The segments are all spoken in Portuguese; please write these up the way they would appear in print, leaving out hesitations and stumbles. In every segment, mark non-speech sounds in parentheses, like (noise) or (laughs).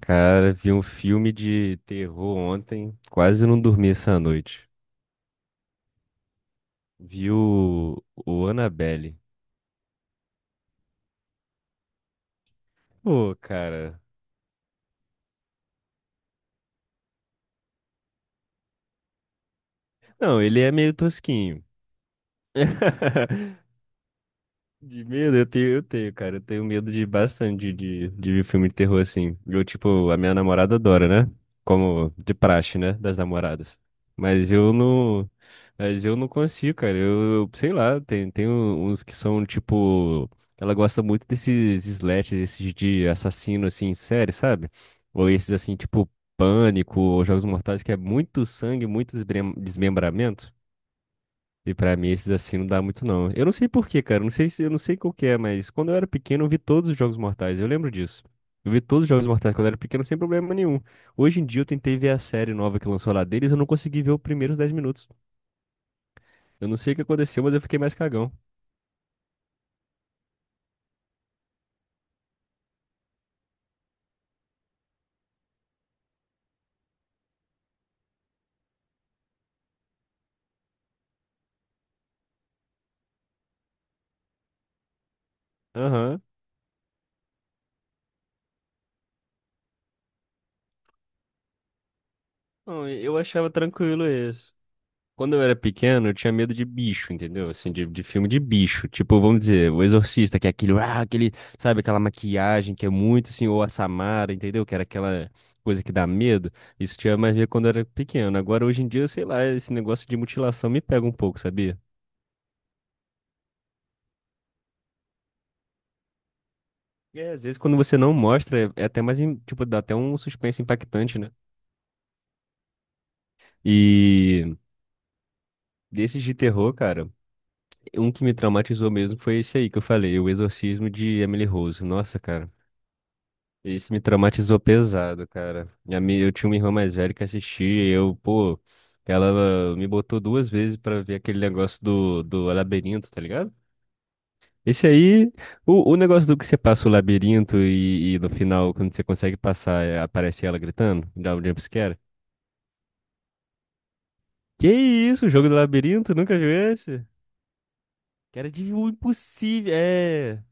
Cara, vi um filme de terror ontem, quase não dormi essa noite. Vi o Annabelle. Pô, cara. Não, ele é meio tosquinho. (laughs) De medo, eu tenho, cara. Eu tenho medo de bastante de ver filme de terror assim. Eu, tipo, a minha namorada adora, né? Como de praxe, né? Das namoradas. Mas eu não. Mas eu não consigo, cara. Eu, sei lá, tem uns que são tipo. Ela gosta muito desses slashers, esses de assassino assim, em série, sabe? Ou esses assim, tipo Pânico, ou Jogos Mortais, que é muito sangue, muito desmembramento. E pra mim esses assim não dá muito não. Eu não sei por quê, cara. Eu não sei se, eu não sei qual que é, mas quando eu era pequeno eu vi todos os Jogos Mortais. Eu lembro disso. Eu vi todos os Jogos Mortais quando eu era pequeno sem problema nenhum. Hoje em dia eu tentei ver a série nova que lançou lá deles, eu não consegui ver os primeiros 10 minutos. Eu não sei o que aconteceu, mas eu fiquei mais cagão. Aham. Não, eu achava tranquilo isso. Quando eu era pequeno, eu tinha medo de bicho, entendeu? Assim, de filme de bicho. Tipo, vamos dizer, O Exorcista, que é aquele, sabe, aquela maquiagem que é muito assim, ou a Samara, entendeu? Que era aquela coisa que dá medo. Isso tinha mais medo quando eu era pequeno. Agora, hoje em dia, sei lá, esse negócio de mutilação me pega um pouco, sabia? É, às vezes quando você não mostra, é até mais, tipo, dá até um suspense impactante, né? E desses de terror, cara. Um que me traumatizou mesmo foi esse aí que eu falei, O Exorcismo de Emily Rose. Nossa, cara. Esse me traumatizou pesado, cara. Eu tinha uma irmã mais velha que assistia e eu, pô, ela me botou 2 vezes pra ver aquele negócio do labirinto, tá ligado? Esse aí, o negócio do que você passa o labirinto e no final, quando você consegue passar, é, aparece ela gritando, dá um jumpscare. Que isso, o jogo do labirinto? Nunca viu esse? Que era de o impossível, é.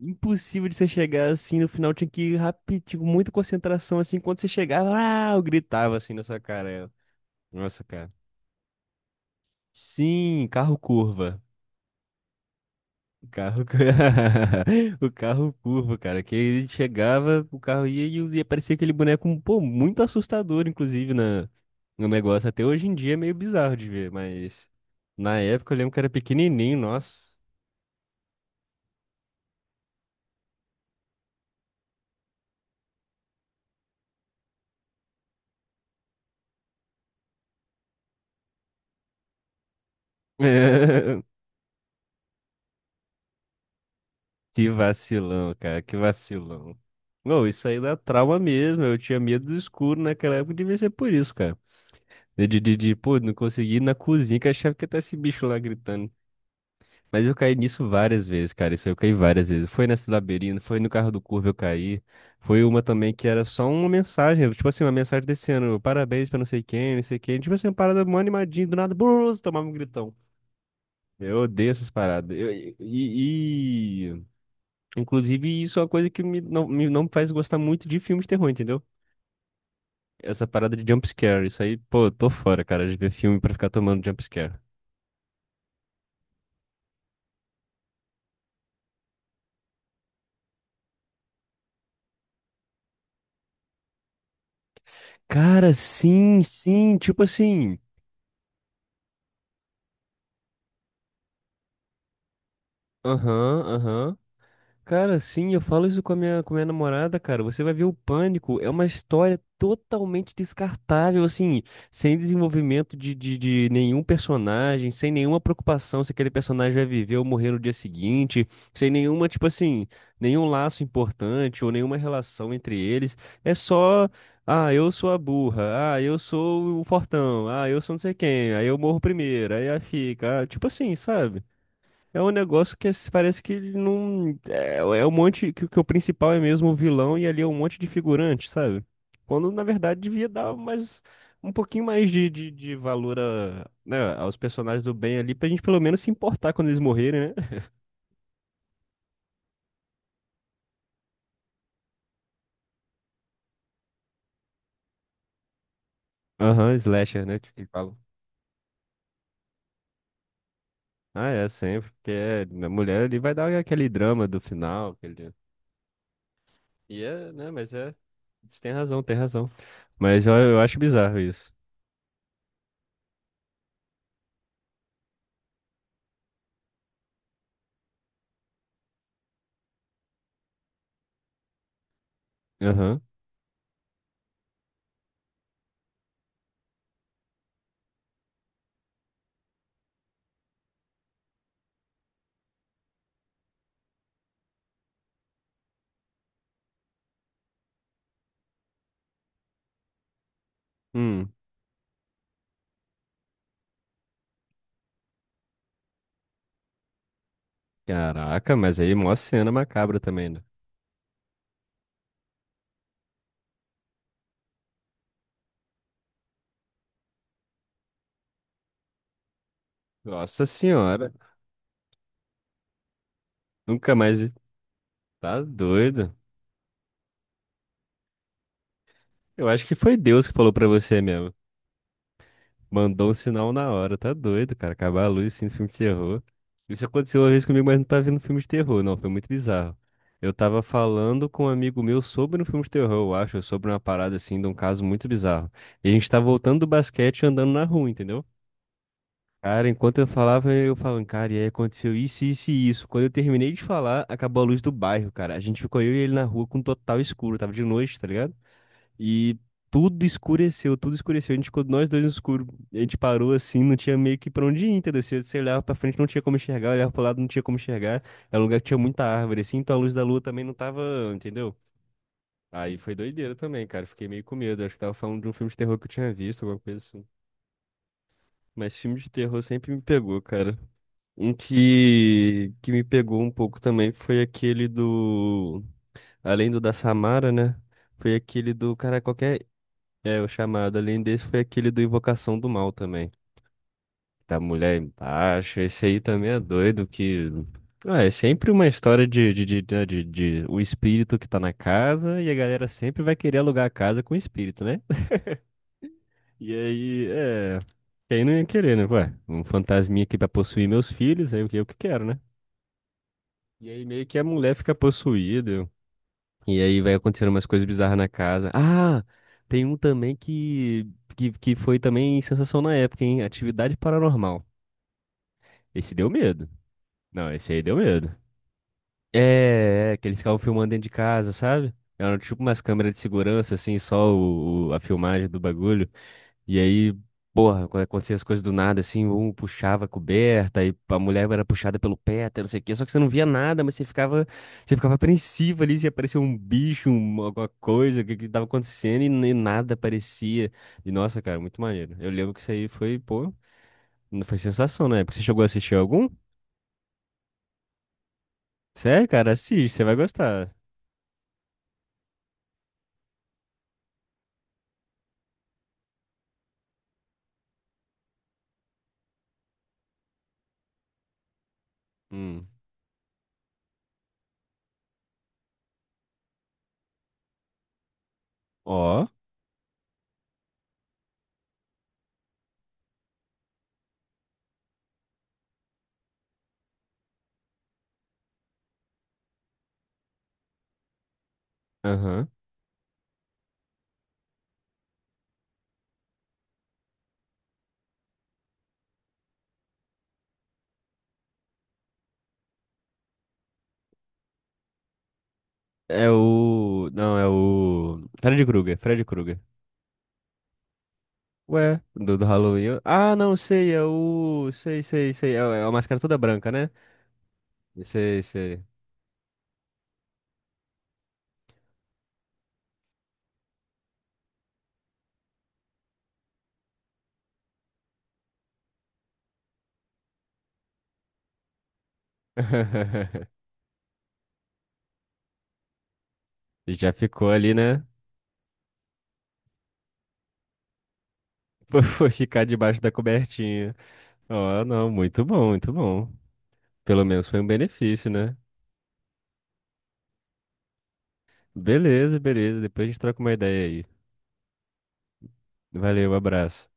Impossível de você chegar assim no final, tinha que ir rápido, tipo, muita concentração assim. Quando você chegava, ah, eu gritava assim na sua cara. Eu. Nossa, cara. Sim, carro curva. Carro... cu- (laughs) O carro curva, cara. Que ele chegava, o carro ia e aparecia aquele boneco, pô, muito assustador, inclusive, no negócio. Até hoje em dia é meio bizarro de ver, mas na época eu lembro que era pequenininho, nossa. (laughs) Que vacilão, cara, que vacilão. Não, isso aí dá trauma mesmo. Eu tinha medo do escuro naquela época, devia ser por isso, cara. Pô, não consegui ir na cozinha, que eu achava que tá esse bicho lá gritando. Mas eu caí nisso várias vezes, cara. Isso aí eu caí várias vezes. Foi nesse labirinto, foi no carro do Curva eu caí. Foi uma também que era só uma mensagem, tipo assim, uma mensagem desse ano, parabéns pra não sei quem, não sei quem. Tipo assim, uma parada mó animadinha, do nada, brus, tomava um gritão. Eu odeio essas paradas. Eu, e- Inclusive, isso é uma coisa que me, não faz gostar muito de filmes de terror, entendeu? Essa parada de jump scare, isso aí, pô, eu tô fora, cara, de ver filme pra ficar tomando jump scare. Cara, sim, sim, tipo assim. Aham, aham. Cara, sim, eu falo isso com a minha namorada, cara. Você vai ver o Pânico, é uma história totalmente descartável, assim, sem desenvolvimento de nenhum personagem, sem nenhuma preocupação se aquele personagem vai viver ou morrer no dia seguinte, sem nenhuma, tipo assim, nenhum laço importante ou nenhuma relação entre eles. É só, ah, eu sou a burra, ah, eu sou o fortão, ah, eu sou não sei quem, aí eu morro primeiro, aí a fica, ah, tipo assim, sabe? É um negócio que parece que ele não. É um monte. Que o principal é mesmo o vilão e ali é um monte de figurante, sabe? Quando na verdade devia dar mais. Um pouquinho mais de valor a, né, aos personagens do bem ali, pra gente pelo menos se importar quando eles morrerem, né? Aham, slasher, né? Tipo, que falam. Ah, é, sempre. Porque é, a mulher ali vai dar aquele drama do final. Aquele. E é, né? Mas é. Você tem razão, tem razão. Mas eu acho bizarro isso. Aham. Hum. Caraca, mas aí mó cena macabra também, né? Nossa senhora, nunca mais. Tá doido. Eu acho que foi Deus que falou pra você mesmo. Mandou um sinal na hora, tá doido, cara. Acabar a luz sim, no filme de terror. Isso aconteceu uma vez comigo, mas não tá vendo filme de terror, não. Foi muito bizarro. Eu tava falando com um amigo meu sobre um filme de terror, eu acho, sobre uma parada assim, de um caso muito bizarro. E a gente tá voltando do basquete e andando na rua, entendeu? Cara, enquanto eu falava, eu falando, cara, e aí aconteceu isso, isso e isso. Quando eu terminei de falar, acabou a luz do bairro, cara. A gente ficou eu e ele na rua com total escuro, tava de noite, tá ligado? E tudo escureceu, tudo escureceu. A gente ficou nós dois no escuro. A gente parou assim, não tinha meio que pra onde ir, entendeu? Você olhava pra frente, não tinha como enxergar, olhava pro lado, não tinha como enxergar. Era um lugar que tinha muita árvore, assim, então a luz da lua também não tava, entendeu? Aí foi doideira também, cara. Fiquei meio com medo. Acho que tava falando de um filme de terror que eu tinha visto, alguma coisa assim. Mas filme de terror sempre me pegou, cara. Um que me pegou um pouco também foi aquele do. Além do da Samara, né? Foi aquele do. Cara, qualquer. É, o chamado. Além desse, foi aquele do Invocação do Mal também. Da mulher embaixo. Esse aí também é doido, que. Ah, é sempre uma história de o espírito que tá na casa e a galera sempre vai querer alugar a casa com o espírito, né? (laughs) E aí, é. Quem não ia querer, né? Ué, um fantasminha aqui pra possuir meus filhos, aí o que eu que quero, né? E aí meio que a mulher fica possuída. E aí vai acontecendo umas coisas bizarras na casa. Ah, tem um também que foi também sensação na época, hein? Atividade Paranormal. Esse deu medo. Não, esse aí deu medo. É, que eles ficavam filmando dentro de casa, sabe? Eram tipo umas câmeras de segurança, assim, só a filmagem do bagulho. E aí, porra, quando acontecia as coisas do nada, assim, um puxava a coberta, e a mulher era puxada pelo pé, até não sei o quê, só que você não via nada, mas você ficava apreensivo ali, se aparecia um bicho, alguma coisa, o que que tava acontecendo, e, nem nada aparecia. E nossa, cara, muito maneiro. Eu lembro que isso aí foi, pô, não foi sensação, né? Porque você chegou a assistir algum? Sério, cara, assiste, você vai gostar. Hum. Ó, aham. É o. Não, é o. Fred Krueger, Fred Krueger. Ué, do Halloween. Ah, não, sei, é o. Sei, sei, sei. É a máscara toda branca, né? Sei, sei. (laughs) Já ficou ali, né? (laughs) Foi ficar debaixo da cobertinha. Ó, não, muito bom, muito bom. Pelo menos foi um benefício, né? Beleza, beleza. Depois a gente troca uma ideia aí. Valeu, abraço.